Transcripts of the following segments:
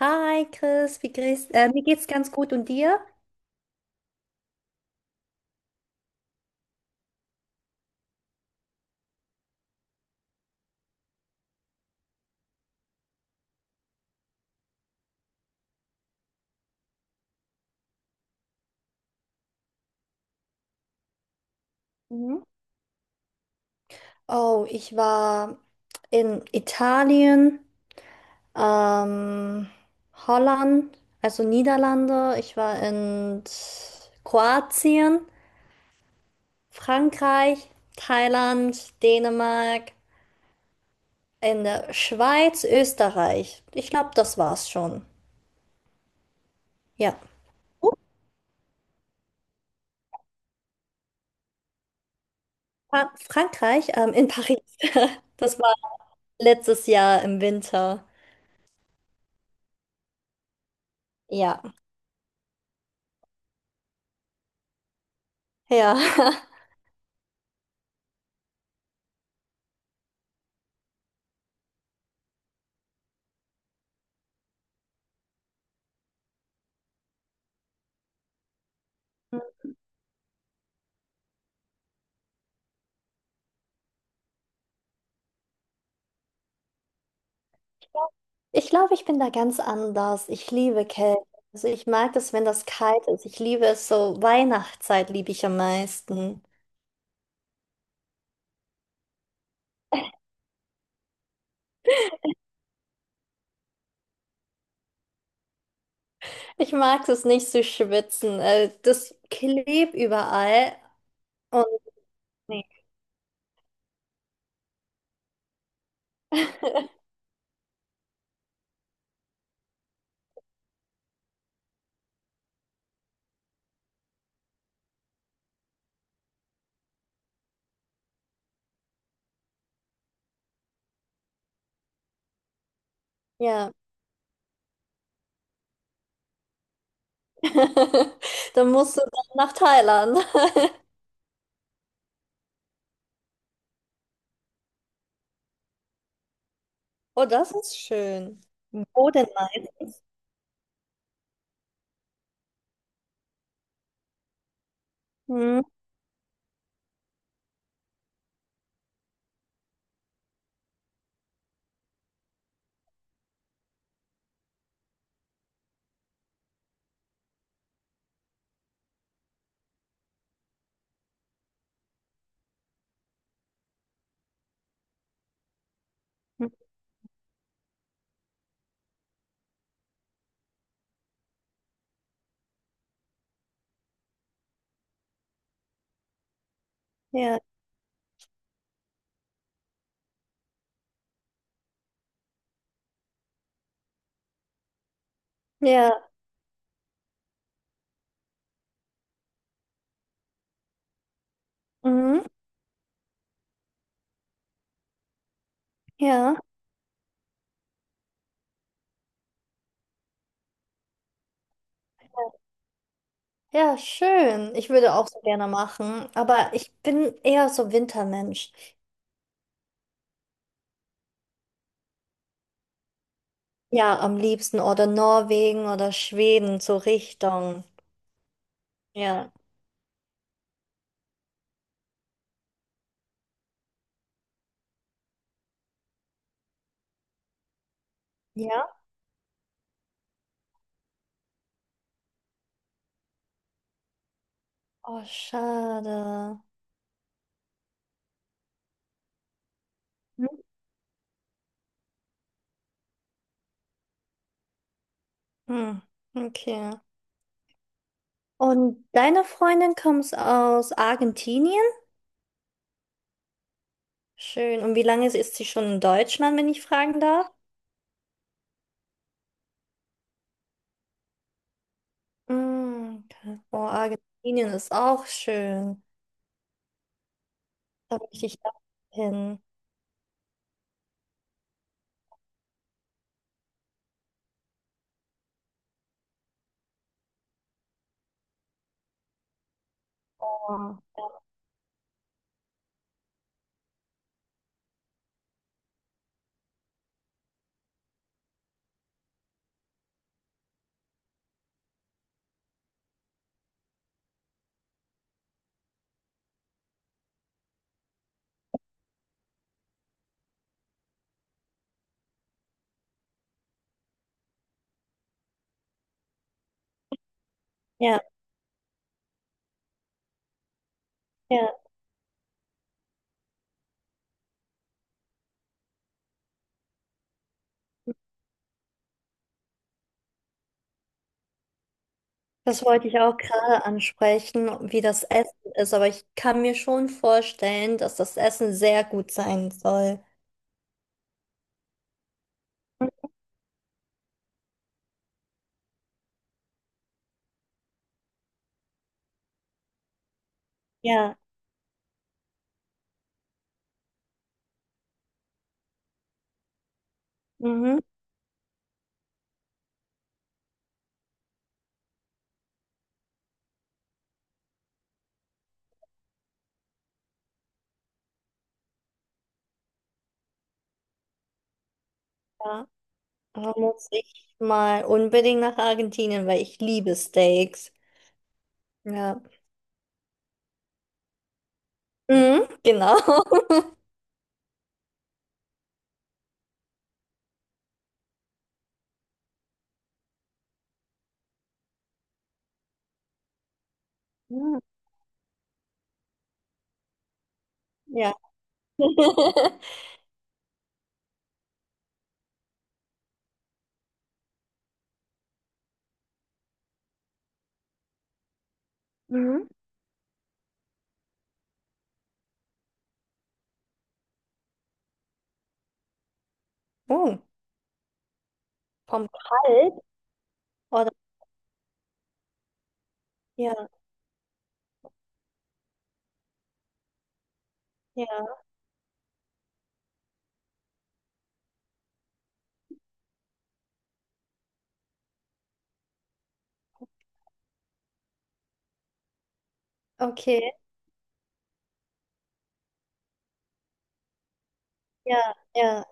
Hi Chris, wie mir geht's ganz gut und dir? Mhm. Oh, ich war in Italien, ähm, Holland, also Niederlande. Ich war in Kroatien, Frankreich, Thailand, Dänemark, in der Schweiz, Österreich. Ich glaube, das war's schon. Ja. Oh, Frankreich, in Paris. Das war letztes Jahr im Winter. Ja, ja. Ich glaube, ich bin da ganz anders. Ich liebe Kälte. Also ich mag es, wenn das kalt ist. Ich liebe es so. Weihnachtszeit liebe ich am meisten. Ich mag es nicht zu schwitzen. Das klebt überall. Und nee. Ja. Dann musst du dann nach Thailand. Oh, das ist schön. Wo denn meistens? Mhm. Ja. Ja. Mhm. Ja. Ja, schön. Ich würde auch so gerne machen. Aber ich bin eher so Wintermensch. Ja, am liebsten oder Norwegen oder Schweden, so Richtung. Ja. Ja? Oh, schade. Hm. Okay. Und deine Freundin kommt aus Argentinien? Schön. Und wie lange ist sie schon in Deutschland, wenn ich fragen darf? Hm, okay. Oh, Argentinien ist auch schön. Da möchte ich auch hin. Oh. Ja, ja. Das wollte ich auch gerade ansprechen, wie das Essen ist, aber ich kann mir schon vorstellen, dass das Essen sehr gut sein soll. Ja, mhm. Ja, da muss ich mal unbedingt nach Argentinien, weil ich liebe Steaks. Ja, mhm, genau. Mhm, ja. Mhm. Oh, vom Kalt oder? Ja, ja, okay. Ja, ja.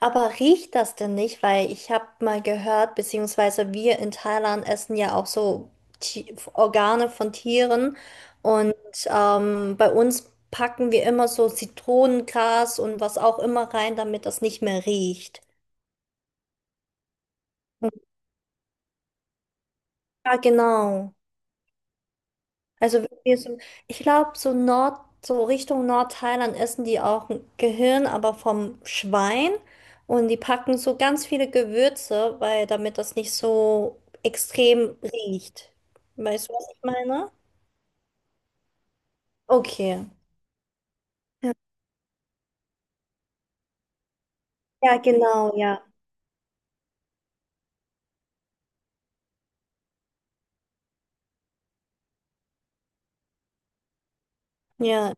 Aber riecht das denn nicht? Weil ich habe mal gehört, beziehungsweise wir in Thailand essen ja auch so Organe von Tieren. Und bei uns packen wir immer so Zitronengras und was auch immer rein, damit das nicht mehr riecht. Ja, genau. Also wenn wir so, ich glaube, so Nord, so Richtung Nordthailand essen die auch ein Gehirn, aber vom Schwein. Und die packen so ganz viele Gewürze, weil damit das nicht so extrem riecht. Weißt du, was ich meine? Okay. Ja, ja, genau, ja. Ja.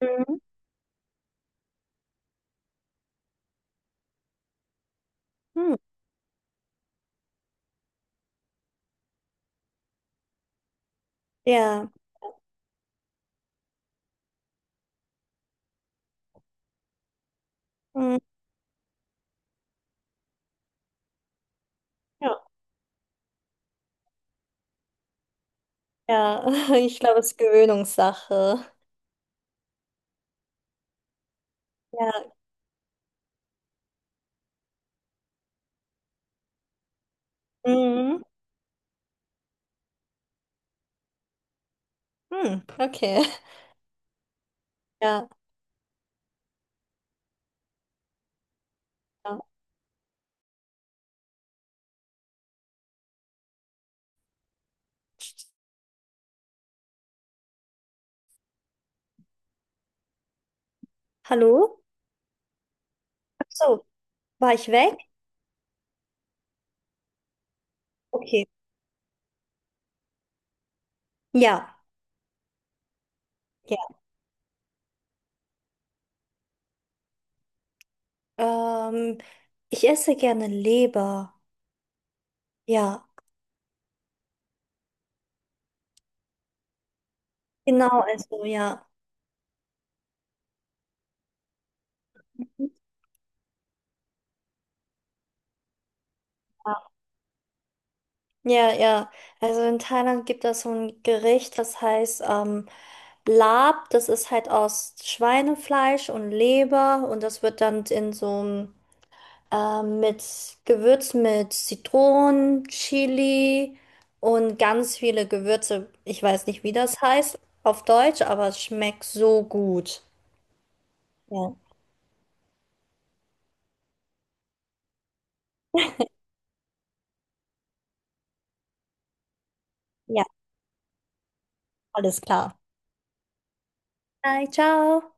Mhm. Hm. Ja. Mhm. Ja. Ja. Ich glaube, es ist Gewöhnungssache. Ja. Mhm. Hm. Okay. Ja, ja. Hallo? Ach so, war ich weg? Okay. Ja, ja. Ähm, ich esse gerne Leber. Ja, genau, also ja. Ja, ja. Also in Thailand gibt es so ein Gericht, das heißt Lab. Das ist halt aus Schweinefleisch und Leber und das wird dann in so einem mit Gewürz mit Zitronen, Chili und ganz viele Gewürze. Ich weiß nicht, wie das heißt auf Deutsch, aber es schmeckt so gut. Ja, ja, alles klar. Hi, ciao.